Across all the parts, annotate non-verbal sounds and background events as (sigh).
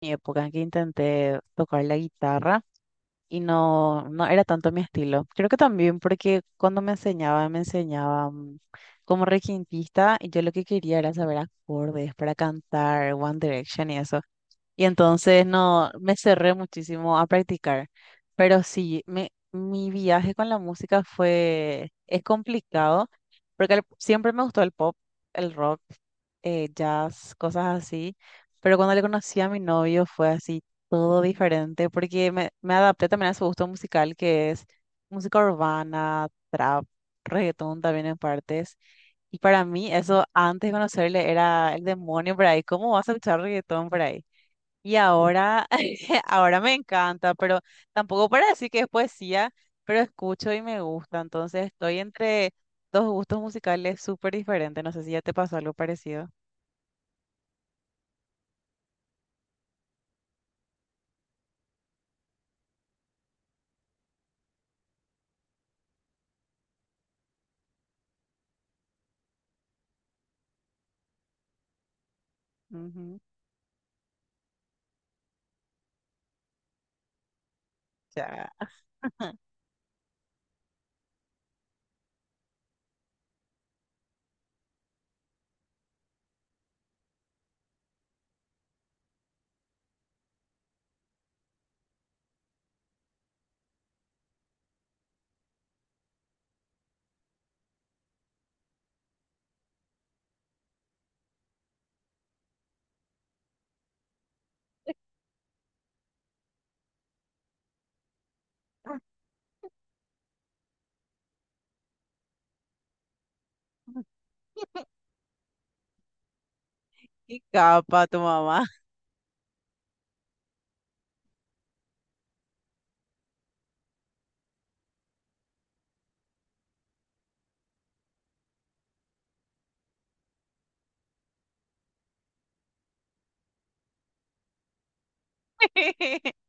Mi época en que intenté tocar la guitarra y no, no era tanto mi estilo. Creo que también porque cuando me enseñaba, como requintista y yo lo que quería era saber acordes para cantar One Direction y eso. Y entonces no, me cerré muchísimo a practicar. Pero sí, mi viaje con la música es complicado, porque siempre me gustó el pop, el rock, jazz, cosas así. Pero cuando le conocí a mi novio fue así, todo diferente, porque me adapté también a su gusto musical, que es música urbana, trap, reggaetón también en partes. Y para mí eso, antes de conocerle, era el demonio por ahí. ¿Cómo vas a escuchar reggaetón por ahí? Y ahora, (laughs) ahora me encanta, pero tampoco para decir que es poesía, pero escucho y me gusta. Entonces estoy entre dos gustos musicales súper diferentes. No sé si ya te pasó algo parecido. Ujú. Ya. Qué capa tu mamá. (laughs)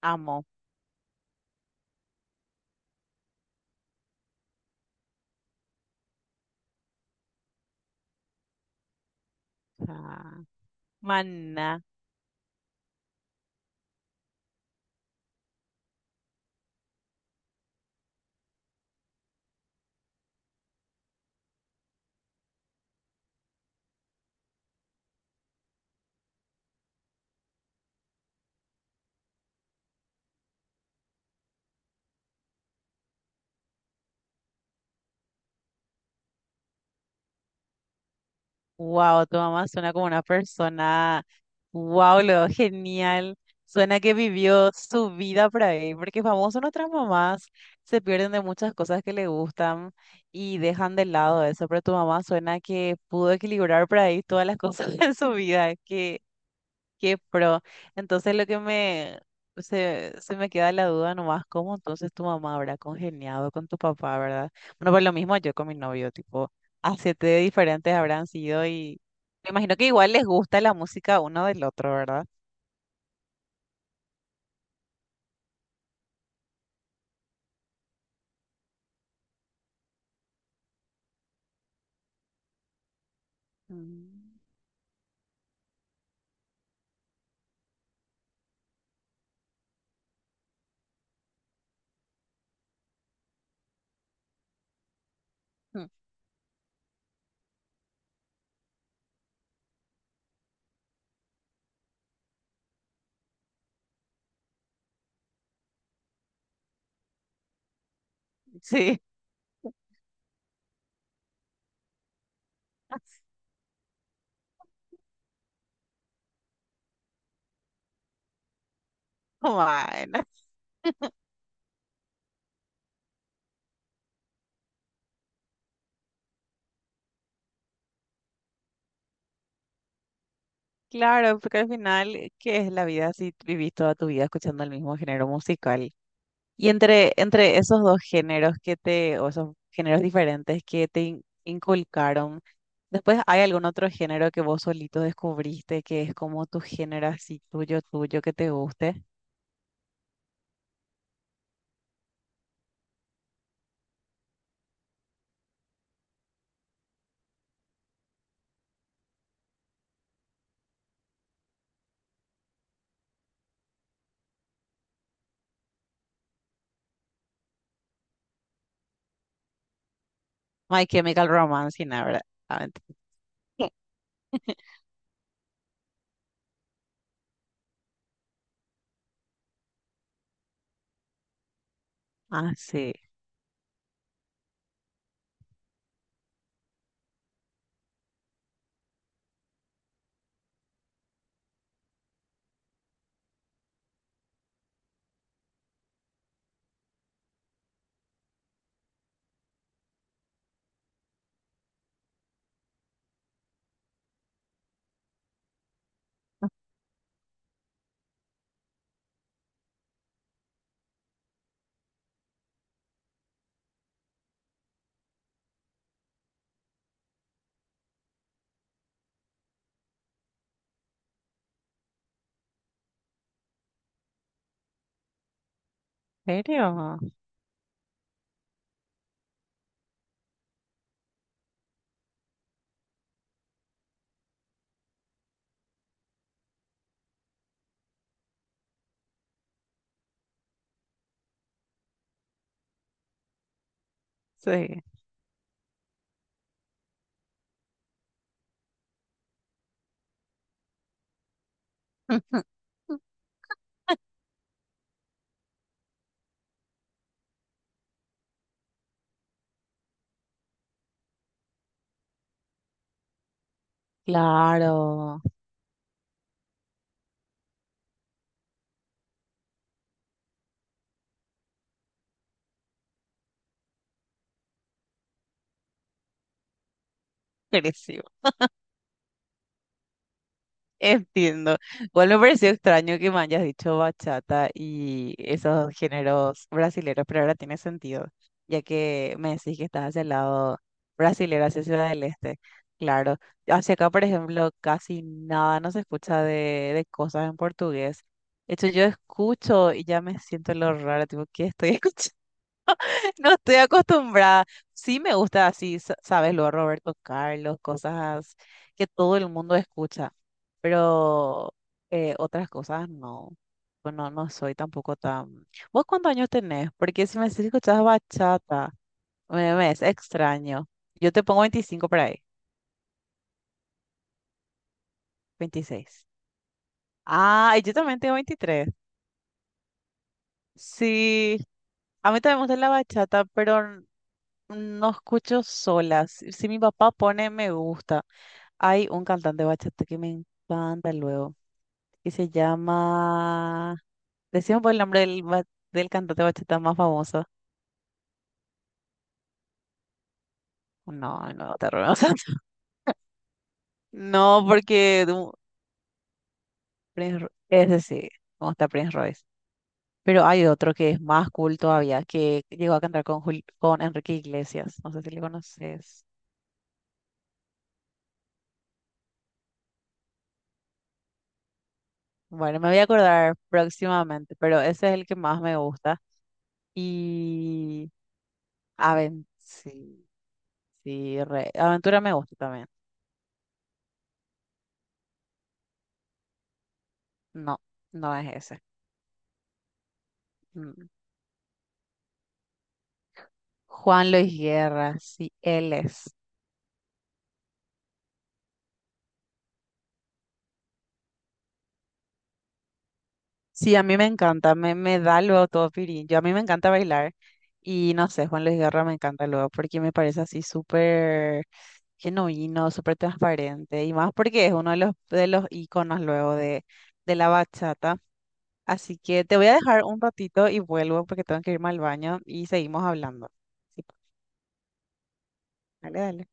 Amo. Ah, Maná. Wow, tu mamá suena como una persona. Wow, lo genial. Suena que vivió su vida por ahí, porque famoso nuestras mamás se pierden de muchas cosas que le gustan y dejan de lado eso, pero tu mamá suena que pudo equilibrar por ahí todas las cosas (laughs) en su vida, que qué pro. Entonces lo que se me queda la duda nomás, ¿cómo entonces tu mamá habrá congeniado con tu papá, verdad? Bueno, pues lo mismo yo con mi novio, tipo, a siete diferentes habrán sido y me imagino que igual les gusta la música uno del otro, ¿verdad? Mm. (laughs) Sí. Bueno, claro, porque al final, ¿qué es la vida si vivís toda tu vida escuchando el mismo género musical? Y entre esos dos géneros que te, o esos géneros diferentes que te inculcaron, después hay algún otro género que vos solito descubriste que es como tu género así tuyo, tuyo, que te guste. My Chemical Romance, y nada, ¿verdad? Ah, ah, sí. ¿En serio? Sí. (laughs) Claro. Crecí Entiendo. Igual me pareció extraño que me hayas dicho bachata y esos géneros brasileros, pero ahora tiene sentido, ya que me decís que estás hacia el lado brasilero, hacia Ciudad del Este. Claro. Hacia acá, por ejemplo, casi nada no se escucha de cosas en portugués. De hecho, yo escucho y ya me siento lo raro, tipo, ¿qué estoy (laughs) escuchando? No estoy acostumbrada. Sí me gusta así, sabes, lo Roberto Carlos, cosas que todo el mundo escucha, pero otras cosas no. Bueno, no soy tampoco tan... ¿Vos cuántos años tenés? Porque si me decís que escuchás bachata, me es extraño. Yo te pongo 25 por ahí, 26. Ah, y yo también tengo 23. Sí, a mí también me gusta la bachata, pero no escucho solas. Si mi papá pone me gusta, hay un cantante bachata que me encanta luego, que se llama... Decimos por el nombre del, del cantante bachata más famoso. No, no, te arruinas. (laughs) No, porque Prince, ese sí, como está Prince Royce. Pero hay otro que es más cool todavía, que llegó a cantar con, con Enrique Iglesias. No sé si le conoces. Bueno, me voy a acordar próximamente, pero ese es el que más me gusta. Y sí, Aventura me gusta también. No, no es ese. Mm. Juan Luis Guerra, sí, él es. Sí, a mí me encanta, me da luego todo pirín. Yo a mí me encanta bailar y no sé, Juan Luis Guerra me encanta luego porque me parece así súper genuino, súper transparente y más porque es uno de de los íconos luego de la bachata. Así que te voy a dejar un ratito y vuelvo porque tengo que irme al baño y seguimos hablando. Sí, pues, dale, dale.